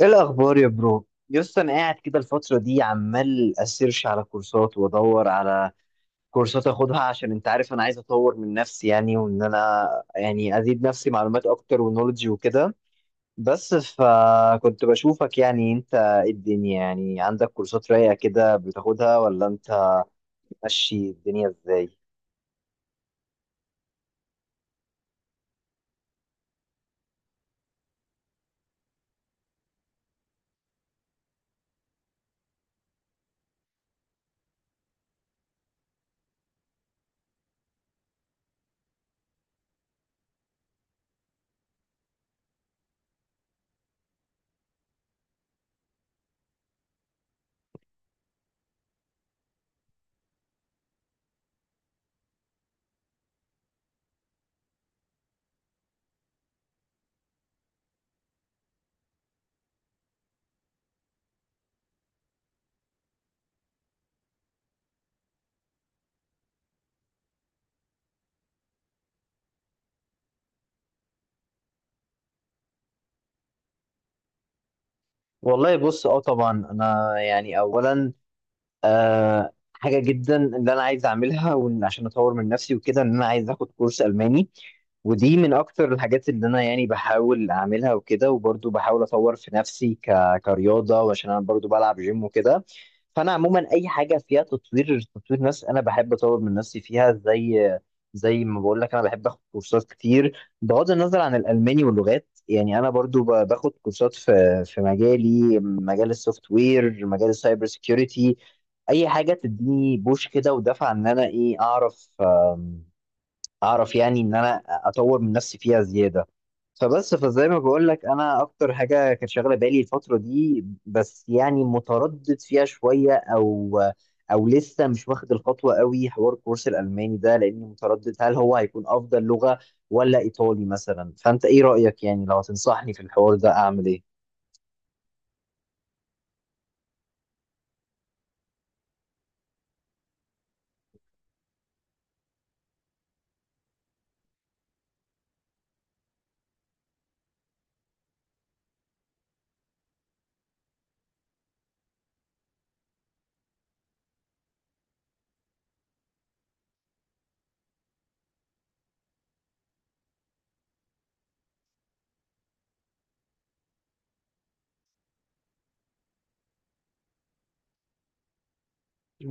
ايه الاخبار يا برو؟ يس، انا قاعد كده الفتره دي عمال اسيرش على كورسات وادور على كورسات اخدها، عشان انت عارف انا عايز اطور من نفسي يعني، وان انا يعني ازيد نفسي معلومات اكتر ونولج وكده. بس فكنت بشوفك، يعني انت إيه الدنيا؟ يعني عندك كورسات رايقه كده بتاخدها، ولا انت ماشي الدنيا ازاي؟ والله بص، اه، طبعا انا يعني اولا حاجة جدا اللي أنا عايز أعملها، وإن عشان أطور من نفسي وكده، إن أنا عايز آخد كورس ألماني، ودي من أكتر الحاجات اللي أنا يعني بحاول أعملها وكده. وبرضه بحاول أطور في نفسي كرياضة، وعشان أنا برضه بلعب جيم وكده. فأنا عموما أي حاجة فيها تطوير نفس أنا بحب أطور من نفسي فيها، زي ما بقول لك أنا بحب آخد كورسات كتير بغض النظر عن الألماني واللغات. يعني انا برضو باخد كورسات في مجالي، مجال السوفت وير، مجال السايبر سيكيورتي. اي حاجه تديني بوش كده ودفع ان انا ايه اعرف، اعرف يعني ان انا اطور من نفسي فيها زياده. فبس فزي ما بقول لك انا اكتر حاجه كانت شاغله بالي الفتره دي، بس يعني متردد فيها شويه، او لسه مش واخد الخطوه قوي، حوار الكورس الالماني ده، لاني متردد هل هو هيكون افضل لغه ولا ايطالي مثلا. فانت ايه رايك؟ يعني لو هتنصحني في الحوار ده اعمل ايه؟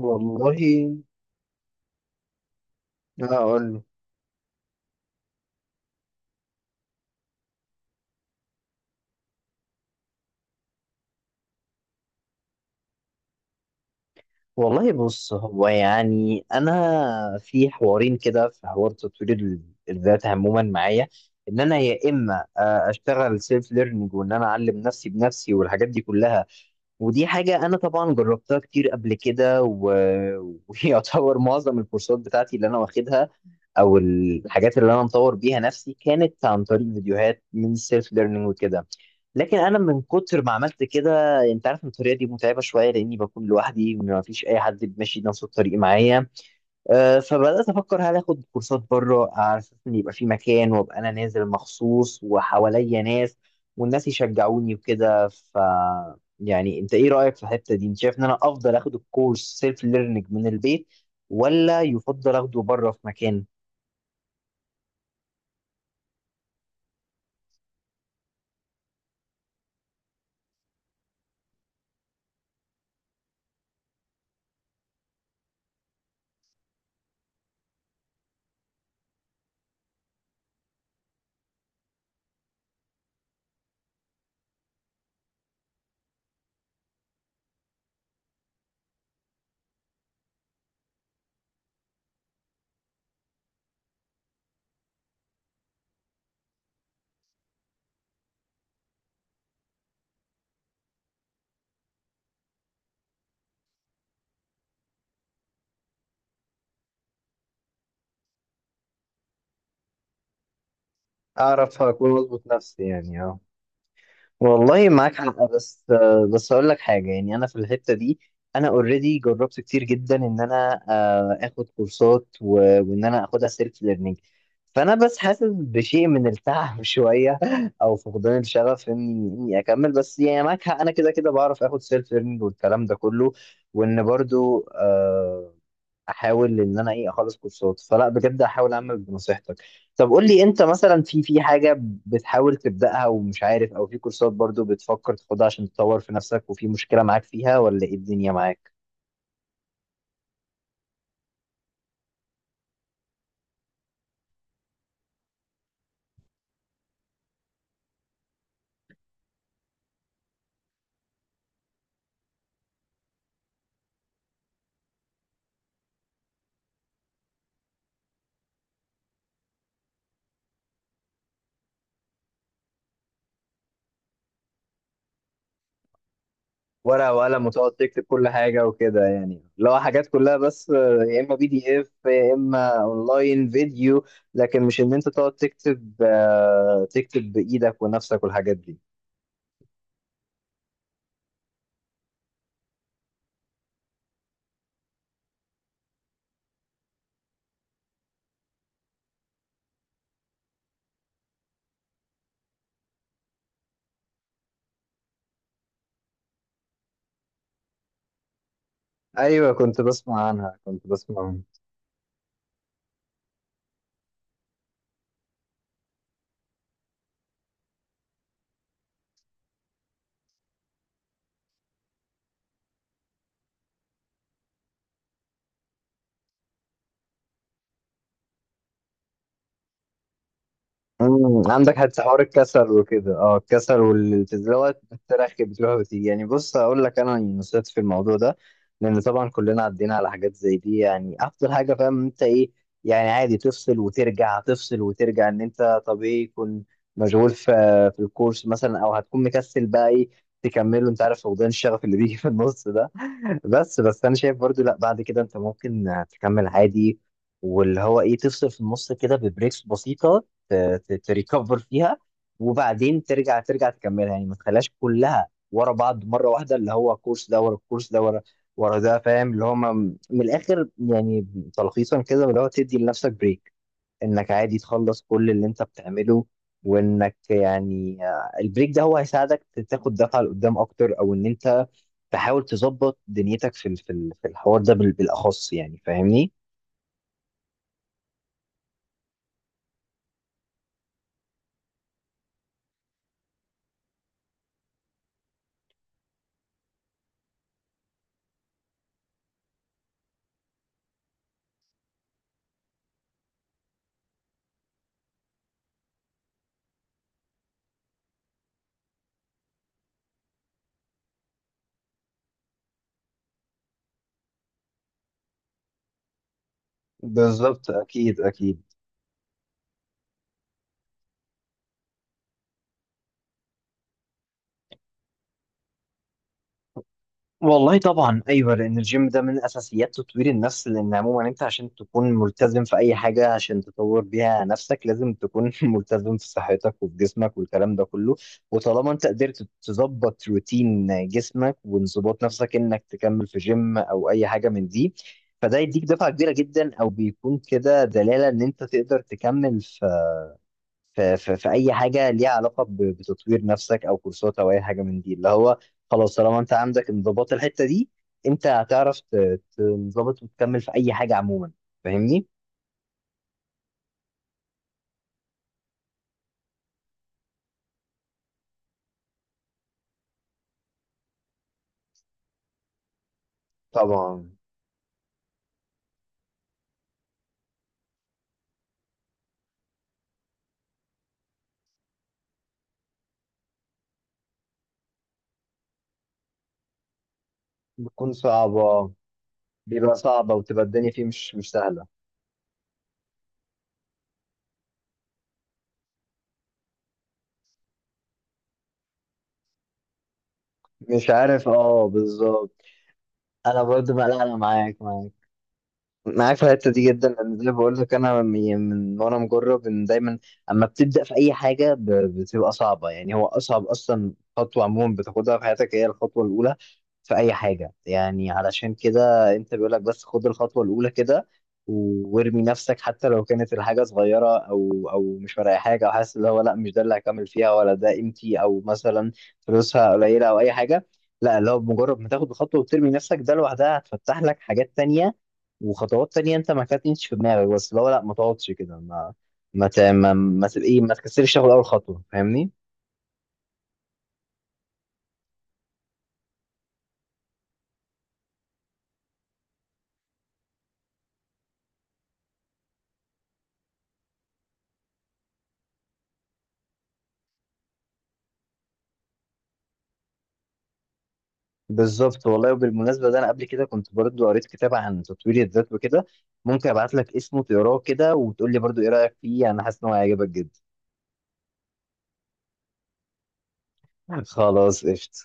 والله هقول والله بص، هو يعني انا في حوارين كده، في حوار تطوير الذات عموما معايا، ان انا يا اما اشتغل سيلف ليرنينج وان انا اعلم نفسي بنفسي والحاجات دي كلها. ودي حاجه انا طبعا جربتها كتير قبل كده ويعتبر معظم الكورسات بتاعتي اللي انا واخدها او الحاجات اللي انا مطور بيها نفسي كانت عن طريق فيديوهات من السيلف ليرنينج وكده. لكن انا من كتر ما عملت كده، انت عارف إن الطريقه دي متعبه شويه لاني بكون لوحدي، ما فيش اي حد ماشي نفس الطريق معايا. فبدات افكر هل اخد كورسات بره، على اساس ان يبقى في مكان وابقى انا نازل مخصوص وحواليا ناس والناس يشجعوني وكده. ف يعني انت ايه رايك في الحته دي؟ انت شايف ان انا افضل اخد الكورس سيلف ليرنينج من البيت، ولا يفضل اخده بره في مكان؟ اعرف اكون اظبط نفسي يعني، اه. والله معاك حق. بس اقول لك حاجه، يعني انا في الحته دي انا اوريدي جربت كتير جدا ان انا اخد كورسات، وان انا اخدها سيلف ليرنينج. فانا بس حاسس بشيء من التعب شويه، او فقدان الشغف اني اكمل. بس يعني معاك حق، انا كده كده بعرف اخد سيلف ليرنينج والكلام ده كله. وان برضو احاول ان انا ايه اخلص كورسات، فلا بجد احاول اعمل بنصيحتك. طب قول لي انت مثلا، في حاجه بتحاول تبداها ومش عارف، او في كورسات برضو بتفكر تاخدها عشان تطور في نفسك وفي مشكله معاك فيها، ولا ايه الدنيا معاك؟ ورقه وقلم وتقعد تكتب كل حاجه وكده، يعني لو حاجات كلها، بس يا اما بي دي اف يا اما اونلاين فيديو، لكن مش ان انت تقعد تكتب، تكتب بايدك ونفسك والحاجات دي. ايوه، كنت بسمع عنها، كنت بسمع عنها. امم، عندك حتى حوار الكسل وكده، اه، الكسل والالتزام دوت، بتروح وتيجي يعني. بص اقول لك انا نصيحتي في الموضوع ده، لان طبعا كلنا عدينا على حاجات زي دي. يعني افضل حاجه، فاهم انت ايه؟ يعني عادي تفصل وترجع، تفصل وترجع، ان انت طبيعي يكون مشغول في الكورس مثلا، او هتكون مكسل بقى ايه تكمله، انت عارف، فقدان الشغف اللي بيجي في النص ده. بس انا شايف برضو لا، بعد كده انت ممكن تكمل عادي، واللي هو ايه، تفصل في النص كده ببريكس بسيطه، ت- تريكفر فيها، وبعدين ترجع تكملها. يعني ما تخليهاش كلها ورا بعض مره واحده، اللي هو الكورس ده ورا الكورس ده ورا ورا ده، فاهم اللي هو، من الاخر يعني، تلخيصا كده، اللي هو تدي لنفسك بريك، انك عادي تخلص كل اللي انت بتعمله. وانك يعني، البريك ده هو هيساعدك تاخد دفعة لقدام اكتر، او ان انت تحاول تظبط دنيتك في الحوار ده بالاخص، يعني فاهمني؟ بالظبط، اكيد اكيد. والله طبعا ايوه، لان الجيم ده من اساسيات تطوير النفس. لان عموما انت عشان تكون ملتزم في اي حاجه عشان تطور بيها نفسك، لازم تكون ملتزم في صحتك وفي جسمك والكلام ده كله. وطالما انت قدرت تظبط روتين جسمك وانضباط نفسك انك تكمل في جيم او اي حاجه من دي، فده يديك دفعه كبيره جدا، او بيكون كده دلاله ان انت تقدر تكمل في اي حاجه ليها علاقه بتطوير نفسك، او كورسات او اي حاجه من دي، اللي هو خلاص طالما انت عندك انضباط الحته دي، انت هتعرف تنضبط وتكمل في اي حاجه عموما، فاهمني؟ طبعا بتكون صعبه، بيبقى صعبه وتبقى الدنيا فيه مش سهله. مش عارف، اه بالظبط. انا برضو بقى، لا انا معاك معاك في الحته دي جدا، لان زي ما بقول لك انا من وانا مجرب ان دايما اما بتبدا في اي حاجه، بتبقى صعبه. يعني هو اصعب اصلا خطوه عموما بتاخدها في حياتك هي الخطوه الاولى في اي حاجه، يعني علشان كده انت بيقول لك بس خد الخطوه الاولى كده، وارمي نفسك، حتى لو كانت الحاجه صغيره، او مش فارقه حاجه، او حاسس اللي هو لا مش ده اللي هكمل فيها، ولا ده قيمتي، او مثلا فلوسها قليله او اي حاجه. لا، اللي هو بمجرد ما تاخد الخطوه وترمي نفسك ده لوحدها هتفتح لك حاجات تانية وخطوات تانية انت ما كانتش في دماغك. بس لو لا ما تقعدش كده، ما تبقى ايه، ما تكسرش، تاخد اول خطوه، فاهمني؟ بالظبط. والله وبالمناسبه ده، انا قبل كده كنت برضو قريت كتاب عن تطوير الذات وكده، ممكن ابعت لك اسمه تقراه كده وتقول لي برضو ايه رايك فيه. انا حاسس ان هو هيعجبك جدا. خلاص، قشطه.